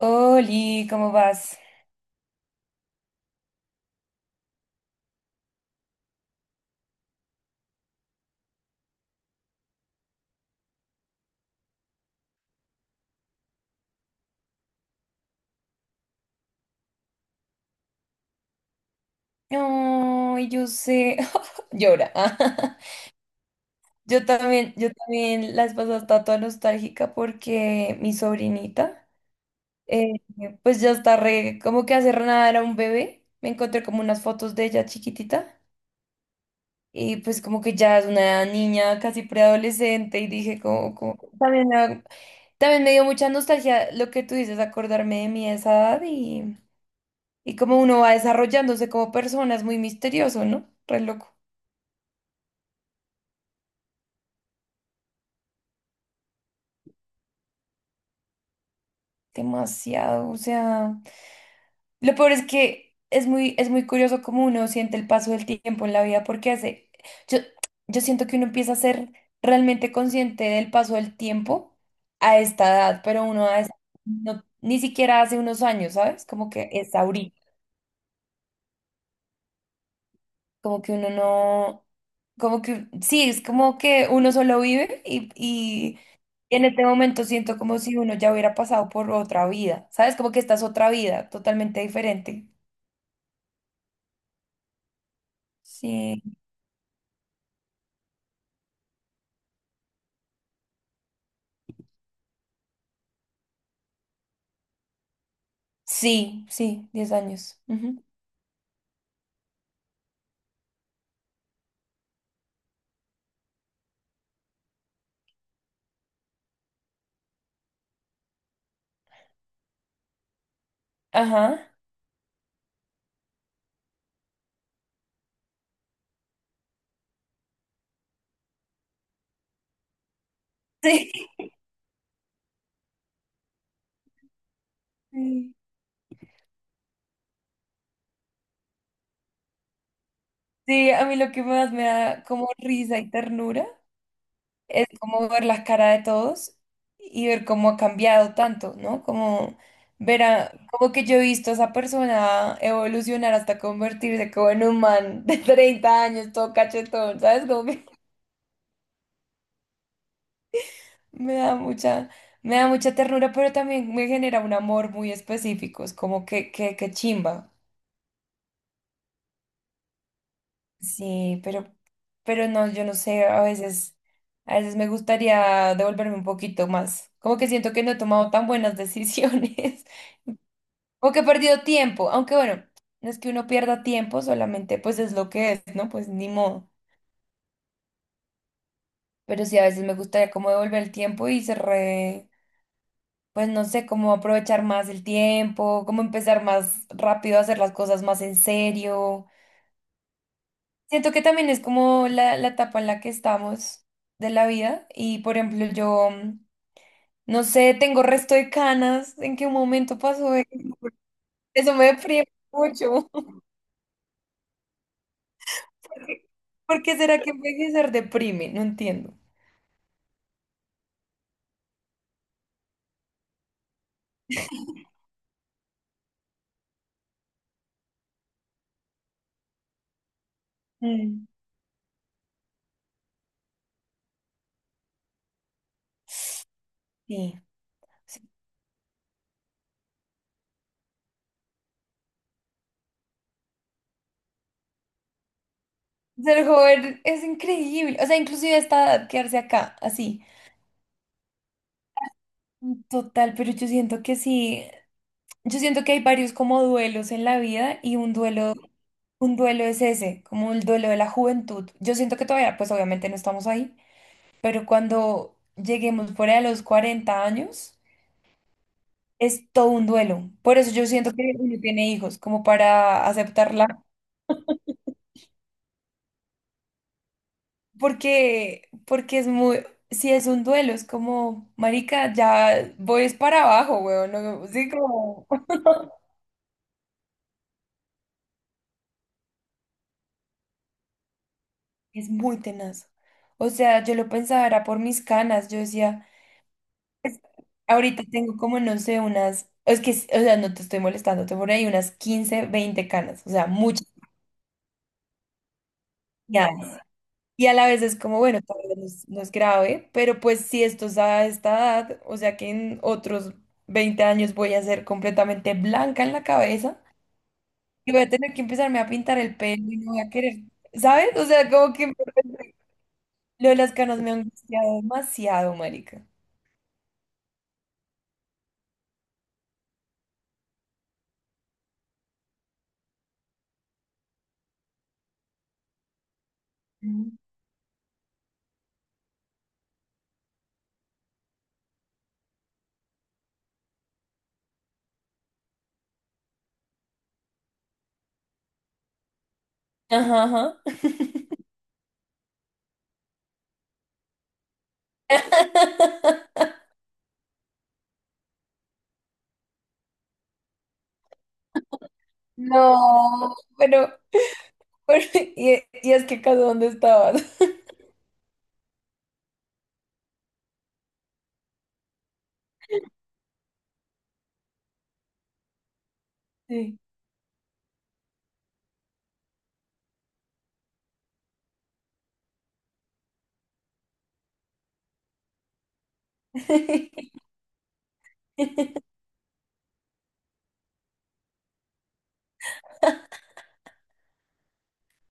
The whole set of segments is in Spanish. Oli, ¿cómo vas? Ay, yo sé. Llora. Yo también la vez pasada estaba toda nostálgica porque mi sobrinita, eh, pues ya está como que hace nada era un bebé. Me encontré como unas fotos de ella chiquitita y pues como que ya es una niña casi preadolescente y dije como también, también me dio mucha nostalgia lo que tú dices, acordarme de mi esa edad. Y como uno va desarrollándose como persona, es muy misterioso, ¿no? Re loco. Demasiado. O sea, lo peor es que es muy curioso cómo uno siente el paso del tiempo en la vida, porque hace. Yo, yo siento que uno empieza a ser realmente consciente del paso del tiempo a esta edad, pero uno a esa- no- ni siquiera hace unos años, ¿sabes? Como que es ahorita. Como que uno no, como que, sí, es como que uno solo vive y en este momento siento como si uno ya hubiera pasado por otra vida, ¿sabes? Como que esta es otra vida totalmente diferente. Sí, sí, sí, 10 años. Ujú. Ajá. Sí. Sí, a mí lo que más me da como risa y ternura es como ver las caras de todos y ver cómo ha cambiado tanto, ¿no? Como ver a, como que yo he visto a esa persona evolucionar hasta convertirse como en un man de 30 años, todo cachetón, ¿sabes? Como que me da mucha, me da mucha ternura, pero también me genera un amor muy específico, es como que chimba. Sí, pero no, yo no sé, a veces me gustaría devolverme un poquito más. Como que siento que no he tomado tan buenas decisiones. O que he perdido tiempo, aunque bueno, no es que uno pierda tiempo, solamente pues es lo que es, ¿no? Pues ni modo. Pero sí, a veces me gustaría como devolver el tiempo y se re, pues no sé, cómo aprovechar más el tiempo, cómo empezar más rápido a hacer las cosas más en serio. Siento que también es como la etapa en la que estamos de la vida y, por ejemplo, yo, no sé, tengo resto de canas, ¿en qué momento pasó eso? Eso me deprime mucho. ¿Por qué será que envejecer deprime? No entiendo. Mm. Sí, sí. Ser joven es increíble. O sea, inclusive a esta edad, quedarse acá, así. Total, pero yo siento que sí. Yo siento que hay varios como duelos en la vida y un duelo es ese, como el duelo de la juventud. Yo siento que todavía, pues obviamente no estamos ahí, pero cuando lleguemos fuera de los 40 años, es todo un duelo. Por eso yo siento que uno tiene hijos, como para aceptarla. Porque si es un duelo, es como, marica, ya voy es para abajo, weón, no, sí, como, es muy tenaz. O sea, yo lo pensaba, era por mis canas, yo decía, ahorita tengo como, no sé, unas, es que, o sea, no te estoy molestando, tengo por ahí unas 15 20 canas, o sea, muchas canas. Y a la vez es como, bueno, tal vez no es, no es grave, pero pues si esto es a esta edad, o sea que en otros 20 años voy a ser completamente blanca en la cabeza. Y voy a tener que empezarme a pintar el pelo y no voy a querer, ¿sabes? O sea, como que lo de las canas me ha angustiado demasiado, marica. Mm. Ajá, ajá. No, pero- y es que acaso ¿dónde estabas? Sí.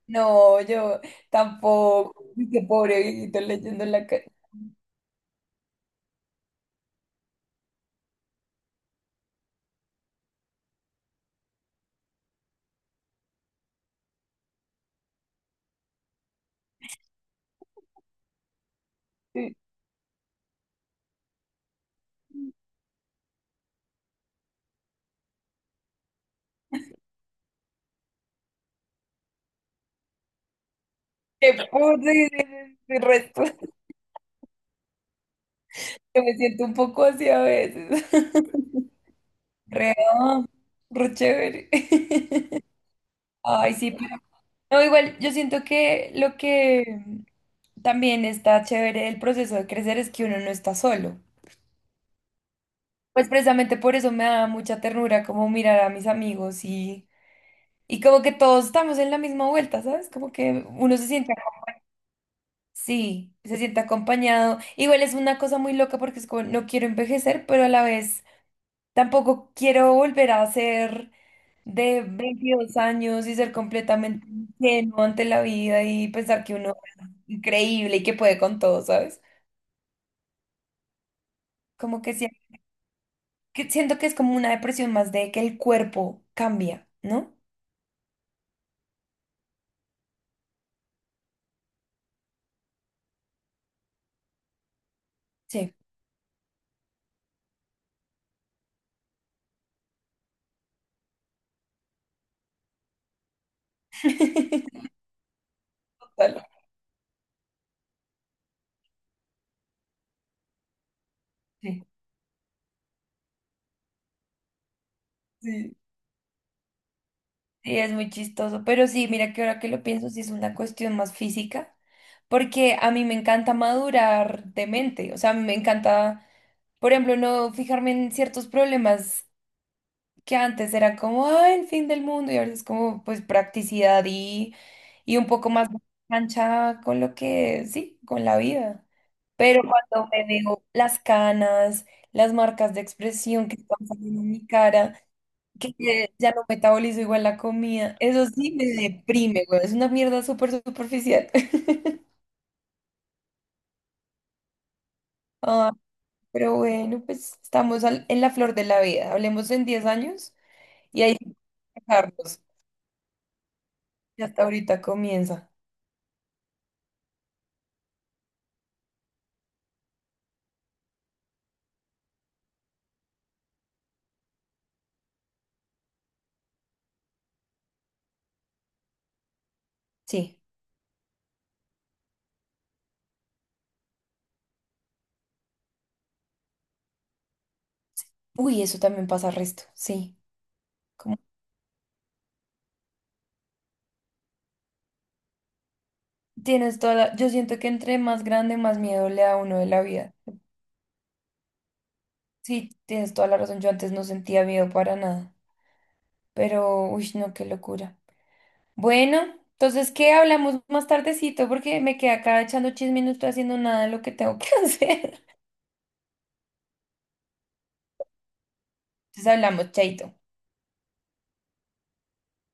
No, yo tampoco. Qué pobre viejito leyendo en la calle. Qué pobre el resto. Yo me siento un poco así a veces. Rea, re chévere. Ay, sí, pero no, igual yo siento que lo que también está chévere del proceso de crecer es que uno no está solo. Pues precisamente por eso me da mucha ternura como mirar a mis amigos y como que todos estamos en la misma vuelta, ¿sabes? Como que uno se siente, sí, se siente acompañado. Igual es una cosa muy loca porque es como, no quiero envejecer, pero a la vez tampoco quiero volver a ser de 22 años y ser completamente ingenuo ante la vida y pensar que uno es increíble y que puede con todo, ¿sabes? Como que, que siento que es como una depresión más de que el cuerpo cambia, ¿no? Sí. Total. Sí. Sí, sí, es muy chistoso, pero sí, mira que ahora que lo pienso, sí es una cuestión más física, porque a mí me encanta madurar de mente, o sea, a mí me encanta, por ejemplo, no fijarme en ciertos problemas que antes era como, "Ay, el fin del mundo" y ahora es como pues practicidad y un poco más cancha con lo que, sí, con la vida. Pero cuando me veo las canas, las marcas de expresión que están saliendo en mi cara, que ya no metabolizo igual la comida, eso sí me deprime, güey. Es una mierda súper superficial. Ah, pero bueno, pues estamos en la flor de la vida. Hablemos en 10 años y ahí sí dejarnos. Y hasta ahorita comienza. Sí. Uy, eso también pasa resto, sí. Como tienes toda la- Yo siento que entre más grande, más miedo le da a uno de la vida. Sí, tienes toda la razón. Yo antes no sentía miedo para nada. Pero, uy, no, qué locura. Bueno, entonces, ¿qué hablamos más tardecito? Porque me quedé acá echando chisme y no estoy haciendo nada de lo que tengo que hacer. Entonces hablamos, chaito.